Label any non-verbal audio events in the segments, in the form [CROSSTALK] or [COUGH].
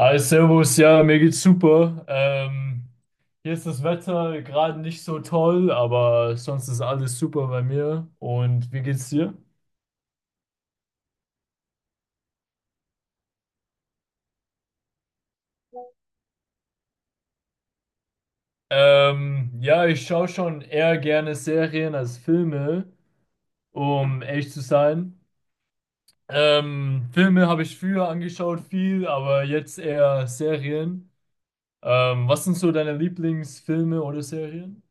Hi, Servus, ja, mir geht's super. Hier ist das Wetter gerade nicht so toll, aber sonst ist alles super bei mir. Und wie geht's dir? Ja, ich schaue schon eher gerne Serien als Filme, um ehrlich zu sein. Filme habe ich früher angeschaut viel, aber jetzt eher Serien. Was sind so deine Lieblingsfilme oder Serien?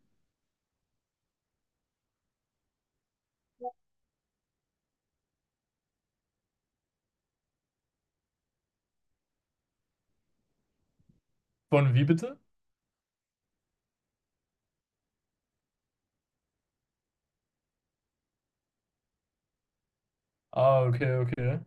Von wie bitte? Ah, okay, okay.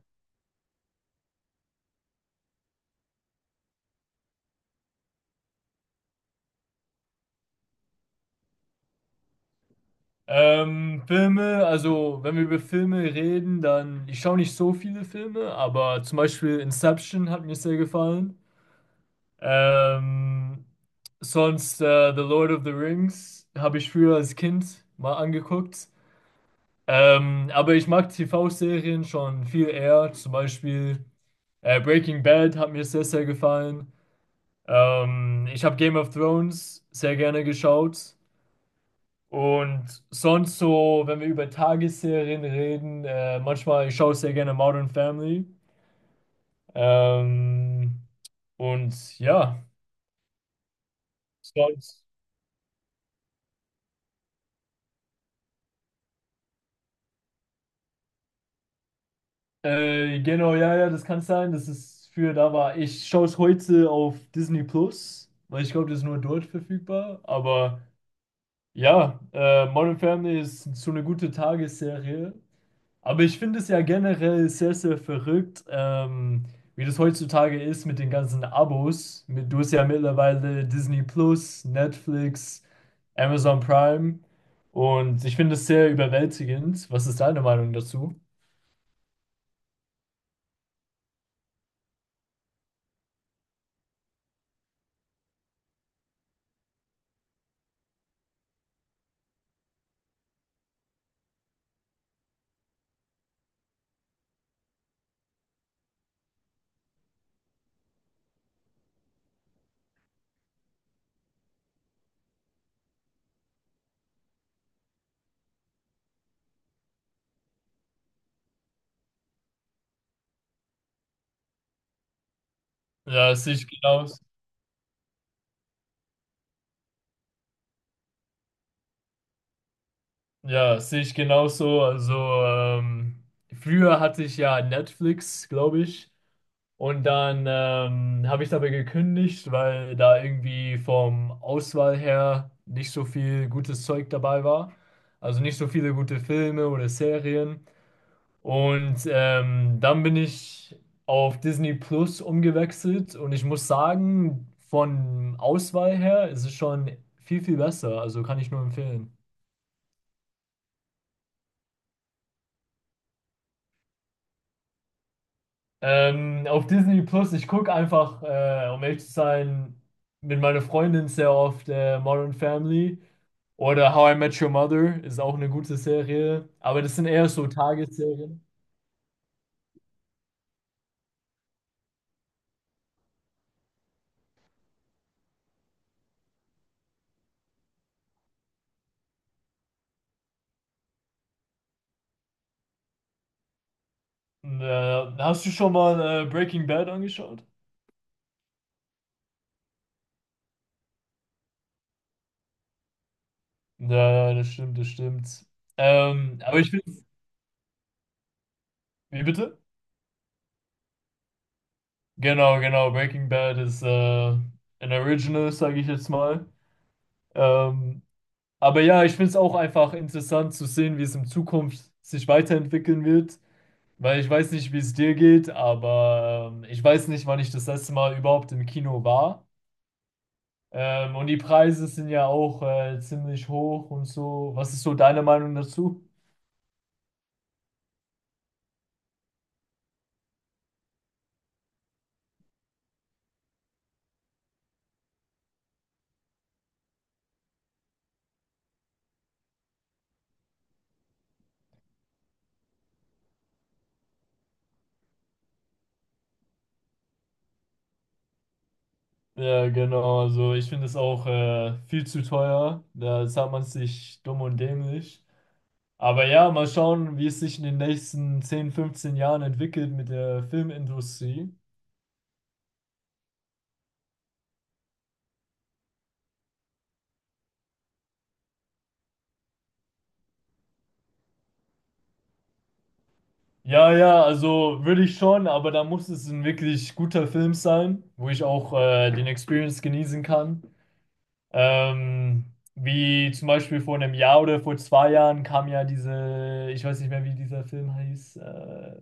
Filme, also wenn wir über Filme reden, dann ich schaue nicht so viele Filme, aber zum Beispiel Inception hat mir sehr gefallen. Ähm, Sonst The Lord of the Rings habe ich früher als Kind mal angeguckt. Aber ich mag TV-Serien schon viel eher. Zum Beispiel Breaking Bad hat mir sehr, sehr gefallen. Ich habe Game of Thrones sehr gerne geschaut. Und sonst so, wenn wir über Tagesserien reden, manchmal, ich schaue sehr gerne Modern Family. Ähm, und ja, sonst, genau, ja, ja, das kann sein, das ist für da war. Ich schaue es heute auf Disney Plus, weil ich glaube, das ist nur dort verfügbar. Aber ja, Modern Family ist so eine gute Tagesserie. Aber ich finde es ja generell sehr, sehr verrückt, wie das heutzutage ist mit den ganzen Abos. Mit, du hast ja mittlerweile Disney Plus, Netflix, Amazon Prime. Und ich finde es sehr überwältigend. Was ist deine Meinung dazu? Ja, das sehe ich genauso. Ja, das sehe ich genauso. Also, ähm, früher hatte ich ja Netflix, glaube ich. Und dann habe ich dabei gekündigt, weil da irgendwie vom Auswahl her nicht so viel gutes Zeug dabei war. Also nicht so viele gute Filme oder Serien. Und dann bin ich auf Disney Plus umgewechselt und ich muss sagen, von Auswahl her ist es schon viel, viel besser. Also kann ich nur empfehlen. Auf Disney Plus, ich gucke einfach, um ehrlich zu sein, mit meiner Freundin sehr oft Modern Family oder How I Met Your Mother ist auch eine gute Serie, aber das sind eher so Tagesserien. Und, hast du schon mal Breaking Bad angeschaut? Ja, ja, das stimmt, das stimmt. Aber ich finde, wie bitte? Genau, genau, Breaking Bad ist ein Original, sage ich jetzt mal. Ähm, Aber ja, ich finde es auch einfach interessant zu sehen, wie es in Zukunft sich weiterentwickeln wird, weil ich weiß nicht, wie es dir geht, aber ich weiß nicht, wann ich das letzte Mal überhaupt im Kino war. Und die Preise sind ja auch ziemlich hoch und so. Was ist so deine Meinung dazu? Ja, genau. Also ich finde es auch viel zu teuer. Da zahlt man sich dumm und dämlich. Aber ja, mal schauen, wie es sich in den nächsten 10, 15 Jahren entwickelt mit der Filmindustrie. Ja, ja, also würde ich schon, aber da muss es ein wirklich guter Film sein, wo ich auch den Experience genießen kann. Ähm, wie zum Beispiel vor 1 Jahr oder vor 2 Jahren kam ja diese, ich weiß nicht mehr, wie dieser Film hieß.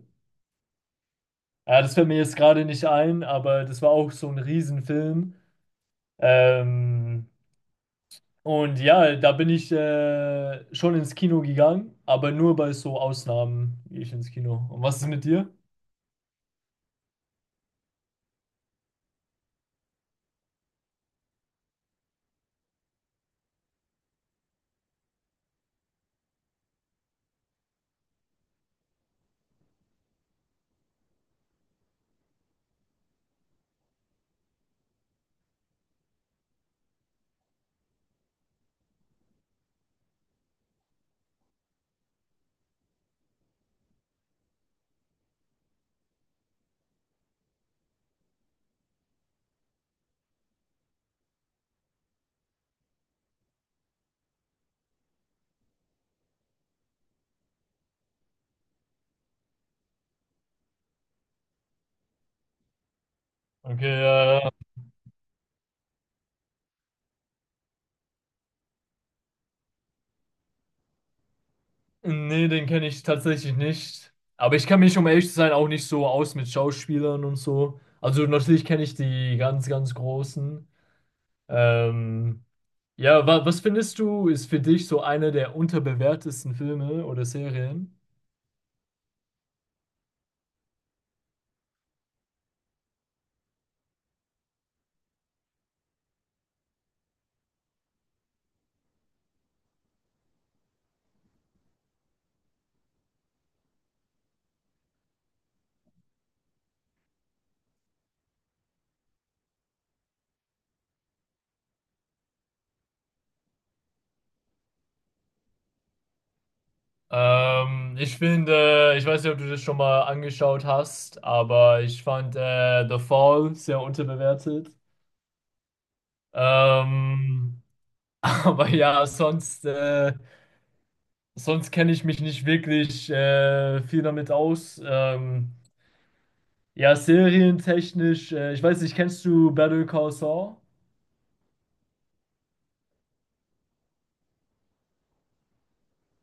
Ja, das fällt mir jetzt gerade nicht ein, aber das war auch so ein Riesenfilm. Ähm, und ja, da bin ich schon ins Kino gegangen, aber nur bei so Ausnahmen gehe ich ins Kino. Und was ist mit dir? Okay. Nee, den kenne ich tatsächlich nicht. Aber ich kann mich, um ehrlich zu sein, auch nicht so aus mit Schauspielern und so. Also natürlich kenne ich die ganz, ganz Großen. Ähm, ja, wa was findest du, ist für dich so einer der unterbewertesten Filme oder Serien? Ich finde, ich weiß nicht, ob du das schon mal angeschaut hast, aber ich fand The Fall sehr unterbewertet. Ähm, [LAUGHS] aber ja, sonst. Sonst kenne ich mich nicht wirklich viel damit aus. Ja, serientechnisch, ich weiß nicht, kennst du Better Call Saul?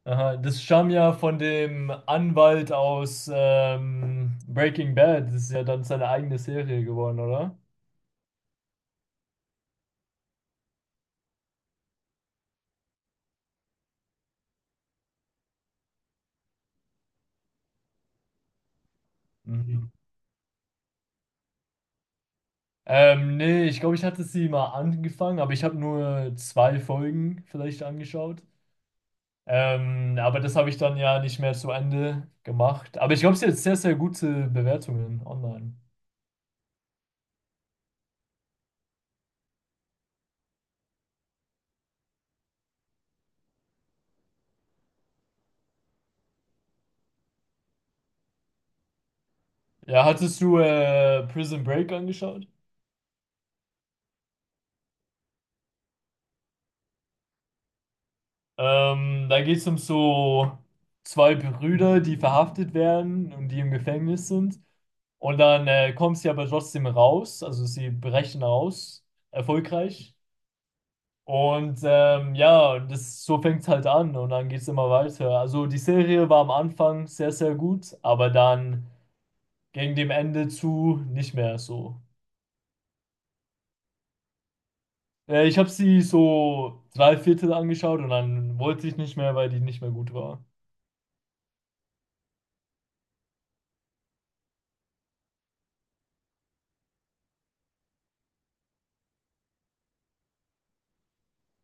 Aha, das stammt ja von dem Anwalt aus Breaking Bad. Das ist ja dann seine eigene Serie geworden, oder? Mhm. Nee, ich glaube, ich hatte sie mal angefangen, aber ich habe nur 2 Folgen vielleicht angeschaut. Aber das habe ich dann ja nicht mehr zu Ende gemacht. Aber ich glaube, sie hat sehr, sehr gute Bewertungen online. Ja, hattest du Prison Break angeschaut? Da geht es um so 2 Brüder, die verhaftet werden und die im Gefängnis sind. Und dann kommen sie aber trotzdem raus, also sie brechen raus, erfolgreich. Und ja, das, so fängt es halt an und dann geht es immer weiter. Also die Serie war am Anfang sehr, sehr gut, aber dann gegen dem Ende zu nicht mehr so. Ich habe sie so drei Viertel angeschaut und dann wollte ich nicht mehr, weil die nicht mehr gut war.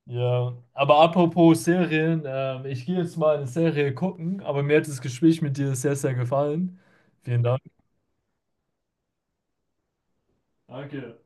Ja, aber apropos Serien, ich gehe jetzt mal eine Serie gucken, aber mir hat das Gespräch mit dir sehr, sehr gefallen. Vielen Dank. Danke.